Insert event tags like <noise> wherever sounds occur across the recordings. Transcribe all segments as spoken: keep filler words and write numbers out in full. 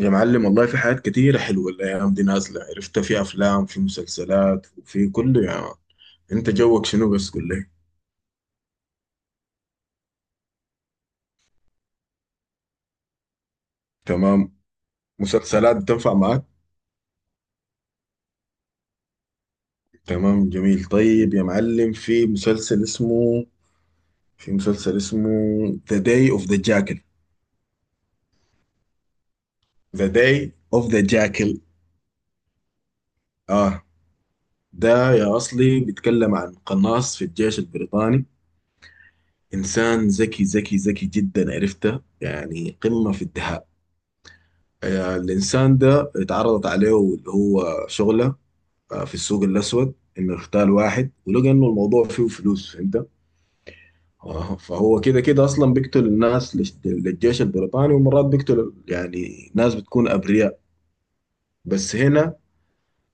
يا معلم والله في حاجات كتيرة حلوة الأيام دي نازلة، عرفتها في أفلام، في مسلسلات، وفي كله يا مان. أنت جوك شنو؟ بس قول لي. تمام. مسلسلات بتنفع معاك؟ تمام، جميل. طيب يا معلم، في مسلسل اسمه في مسلسل اسمه The Day of the Jackal The Day of the Jackal آه، ده يا أصلي بيتكلم عن قناص في الجيش البريطاني. إنسان ذكي ذكي ذكي جدا، عرفته يعني قمة في الدهاء. آه، الإنسان ده اتعرضت عليه اللي هو شغلة، آه، في السوق الأسود، إنه يختال واحد، ولقى إنه الموضوع فيه فلوس. فهمت؟ آه، فهو كده كده أصلا بيقتل الناس للش- للجيش البريطاني، ومرات بيقتل يعني ناس بتكون أبرياء. بس هنا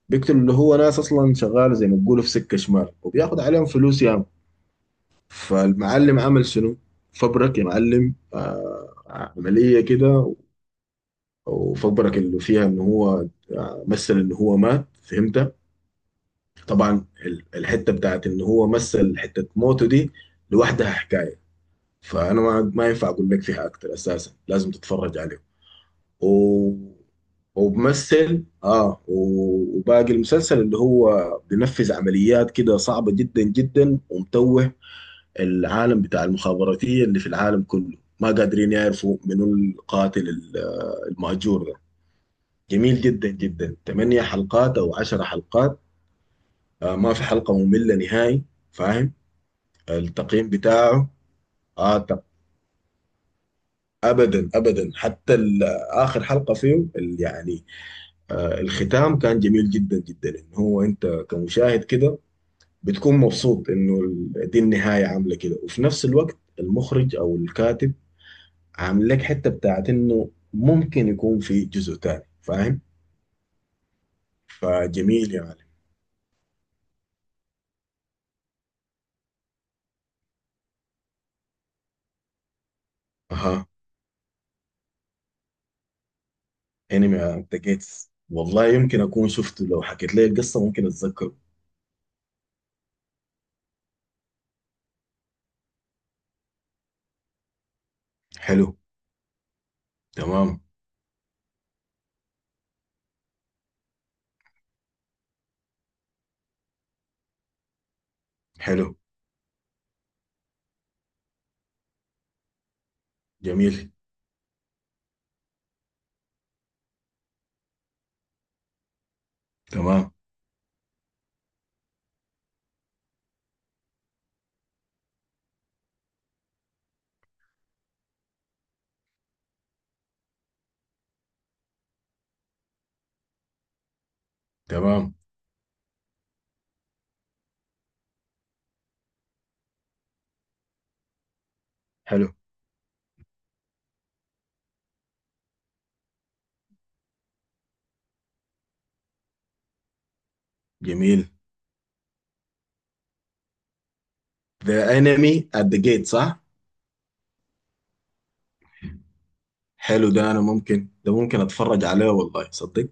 بيقتل اللي هو ناس أصلا شغال زي ما بيقولوا في سكة شمال، وبياخد عليهم فلوس ياما. فالمعلم عمل شنو؟ فبرك يا معلم آه، عملية كده، وفبرك اللي فيها إن هو آه، مثل إن هو مات. فهمت؟ طبعا ال- الحته بتاعت ان هو مثل حته موته دي لوحدها حكايه. فانا ما ما ينفع اقول لك فيها اكتر، اساسا لازم تتفرج عليه. و... وبمثل اه و- وباقي المسلسل اللي هو بينفذ عمليات كده صعبة جدا جدا، ومتوه العالم بتاع المخابراتية اللي في العالم كله، ما قادرين يعرفوا منو القاتل ال- آه، المهجور ده. جميل جدا جدا. ثمانية حلقات او عشرة حلقات. آه، ما في حلقة مملة نهائي. فاهم. التقييم بتاعه آه ت- ابدا ابدا، حتى ال- اخر حلقه فيه، ال- يعني آه الختام كان جميل جدا جدا. ان هو انت كمشاهد كده بتكون مبسوط انه ال- دي النهايه عامله كده، وفي نفس الوقت المخرج او الكاتب عامل لك حته بتاعت انه ممكن يكون في جزء تاني. فاهم. فجميل يا معلم. اها. انمي انت جيتس، والله يمكن اكون شفته، لو حكيت لي القصه ممكن اتذكره. حلو. تمام. حلو. جميل. تمام. تمام. حلو. جميل. ذا انمي ات ذا جيت، صح؟ حلو ده، انا ممكن ده ممكن اتفرج عليه والله صدق.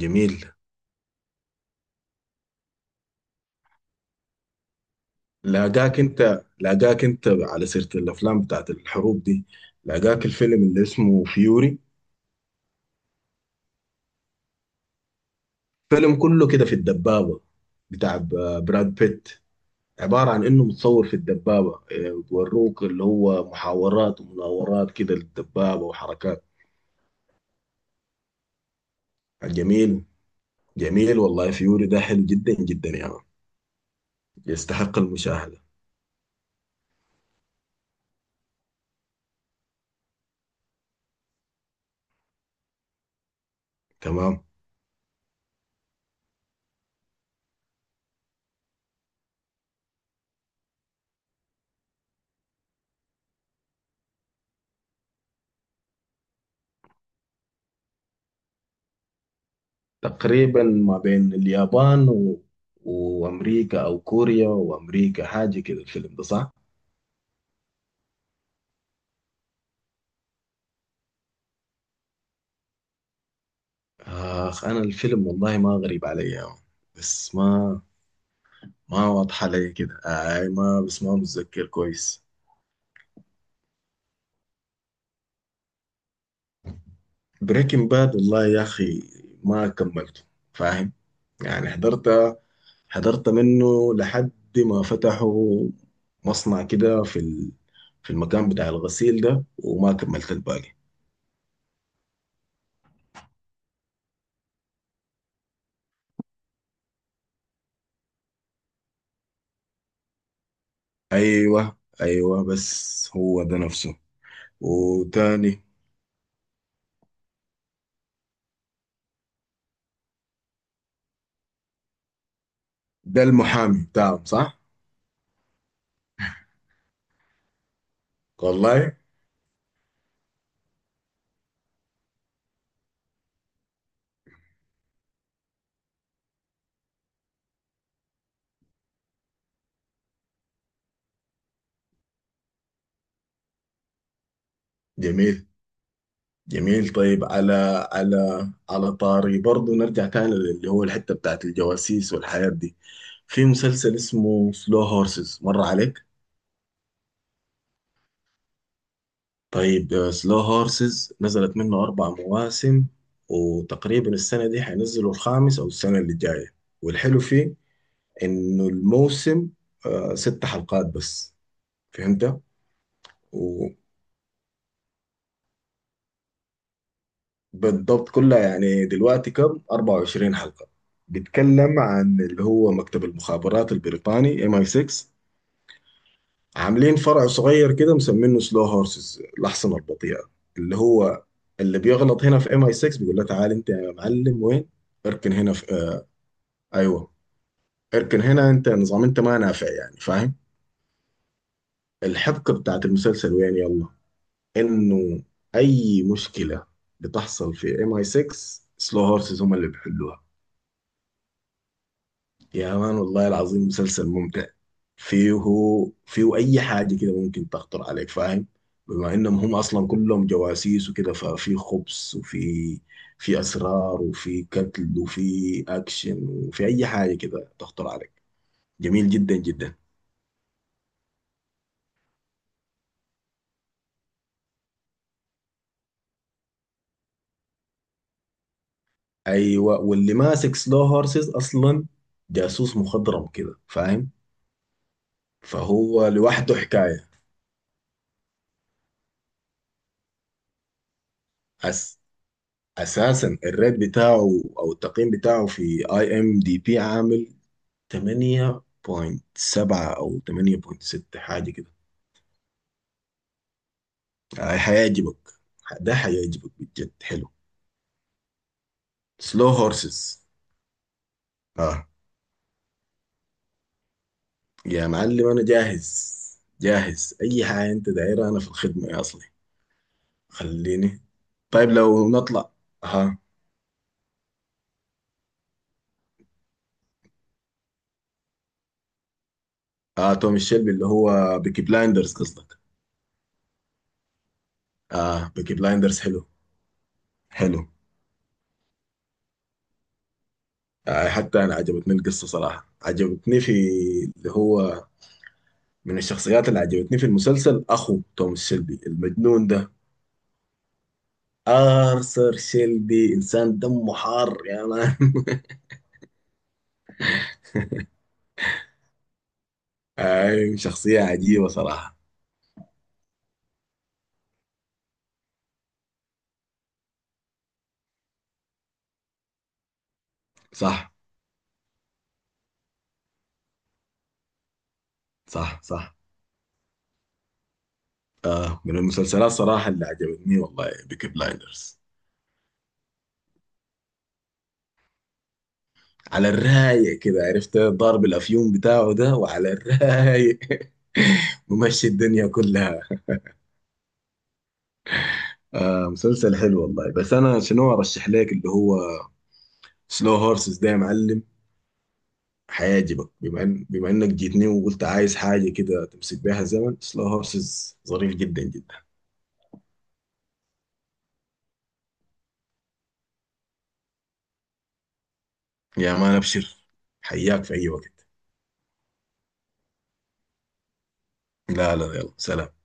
جميل. لاقاك انت لاقاك انت على سيرة الافلام بتاعت الحروب دي، لاقاك الفيلم اللي اسمه فيوري؟ فيلم كله كده في الدبابة، بتاع ب- براد بيت. عبارة عن انه متصور في الدبابة، إيه، بوروك اللي هو محاورات ومناورات كده للدبابة وحركات. جميل. جميل والله، فيوري ده حلو جدا جدا يا يعني. يستحق المشاهدة. تمام. تقريبا ما بين اليابان و... وامريكا، او كوريا وامريكا، حاجه كده الفيلم ده صح؟ اخ انا الفيلم والله ما غريب علي يا عم. بس ما ما واضحه علي كده اي ما، بس ما متذكر كويس. بريكنج باد والله يا اخي ما كملته. فاهم؟ يعني حضرت حضرت منه لحد ما فتحوا مصنع كده في ال... في المكان بتاع الغسيل ده، وما كملت الباقي. ايوه ايوه، بس هو ده نفسه. وتاني؟ ده المحامي بتاعهم صح؟ والله. جميل. جميل. طيب، على على على طاري برضو نرجع تاني اللي هو الحتة بتاعت الجواسيس والحياة دي. في مسلسل اسمه سلو هورسز، مر عليك؟ طيب سلو هورسز نزلت منه أربع مواسم، وتقريبا السنة دي حينزلوا الخامس أو السنة اللي جاية. والحلو فيه إنه الموسم آه، ست حلقات بس. فهمت. وبالضبط كلها يعني دلوقتي كم، أربعة وعشرين حلقة. بيتكلم عن اللي هو مكتب المخابرات البريطاني ام اي ستة. عاملين فرع صغير كده مسمينه سلو هورسز، الأحصنة البطيئة، اللي هو اللي بيغلط هنا في ام اي سكس، بيقول له تعال انت يا معلم وين. اركن هنا في آه. ايوه. اركن هنا انت نظام انت ما نافع يعني. فاهم. الحبكة بتاعت المسلسل وين يلا، انه اي مشكلة بتحصل في ام اي ستة، سلو هورسز هم اللي بيحلوها. يا مان والله العظيم مسلسل ممتع. فيه فيه أي حاجة كده ممكن تخطر عليك. فاهم. بما إنهم هم أصلا كلهم جواسيس وكده، ففي خبز، وفي في أسرار، وفي قتل، وفي أكشن، وفي أي حاجة كده تخطر عليك. جميل جدا جدا. أيوة، واللي ماسك سلو هورسز أصلا جاسوس مخضرم كده. فاهم. فهو لوحده حكاية. أس أساسا الريت بتاعه أو التقييم بتاعه في اي ام دي بي عامل ثمانية فاصلة سبعة أو ثمانية فاصلة ستة حاجة كده. آه، هيعجبك. ده هيعجبك بجد، حلو. سلو هورسز. اه. يا معلم أنا جاهز. جاهز أي حاجة أنت دايرها، أنا في الخدمة يا أصلي. خليني. طيب لو نطلع. ها. آه آه، توم الشلبي اللي هو بيكي بلايندرز قصدك؟ اه بيكي بلايندرز حلو. حلو. آه، حتى أنا عجبتني القصة صراحة. عجبتني في اللي هو، من الشخصيات اللي عجبتني في المسلسل أخو توماس شيلبي المجنون ده، آرثر شيلبي. إنسان دمه حار يا مان. <laughs> أيوة، شخصية عجيبة صراحة. صح. صح. صح. آه، من المسلسلات صراحة اللي عجبتني والله بيكي بلايندرز. على الرايق كده عرفت ضارب الأفيون بتاعه ده، وعلى الرايق. <laughs> ممشي الدنيا كلها. آه مسلسل حلو والله. بس أنا شنو أرشح لك اللي هو سلو هورسز ده يا معلم، هيعجبك. بما إن بما إنك جيتني وقلت عايز حاجة كده تمسك بيها الزمن، سلو هورسز ظريف جدا جدا. يا مان أبشر. حياك في أي وقت. لا لا، يلا سلام.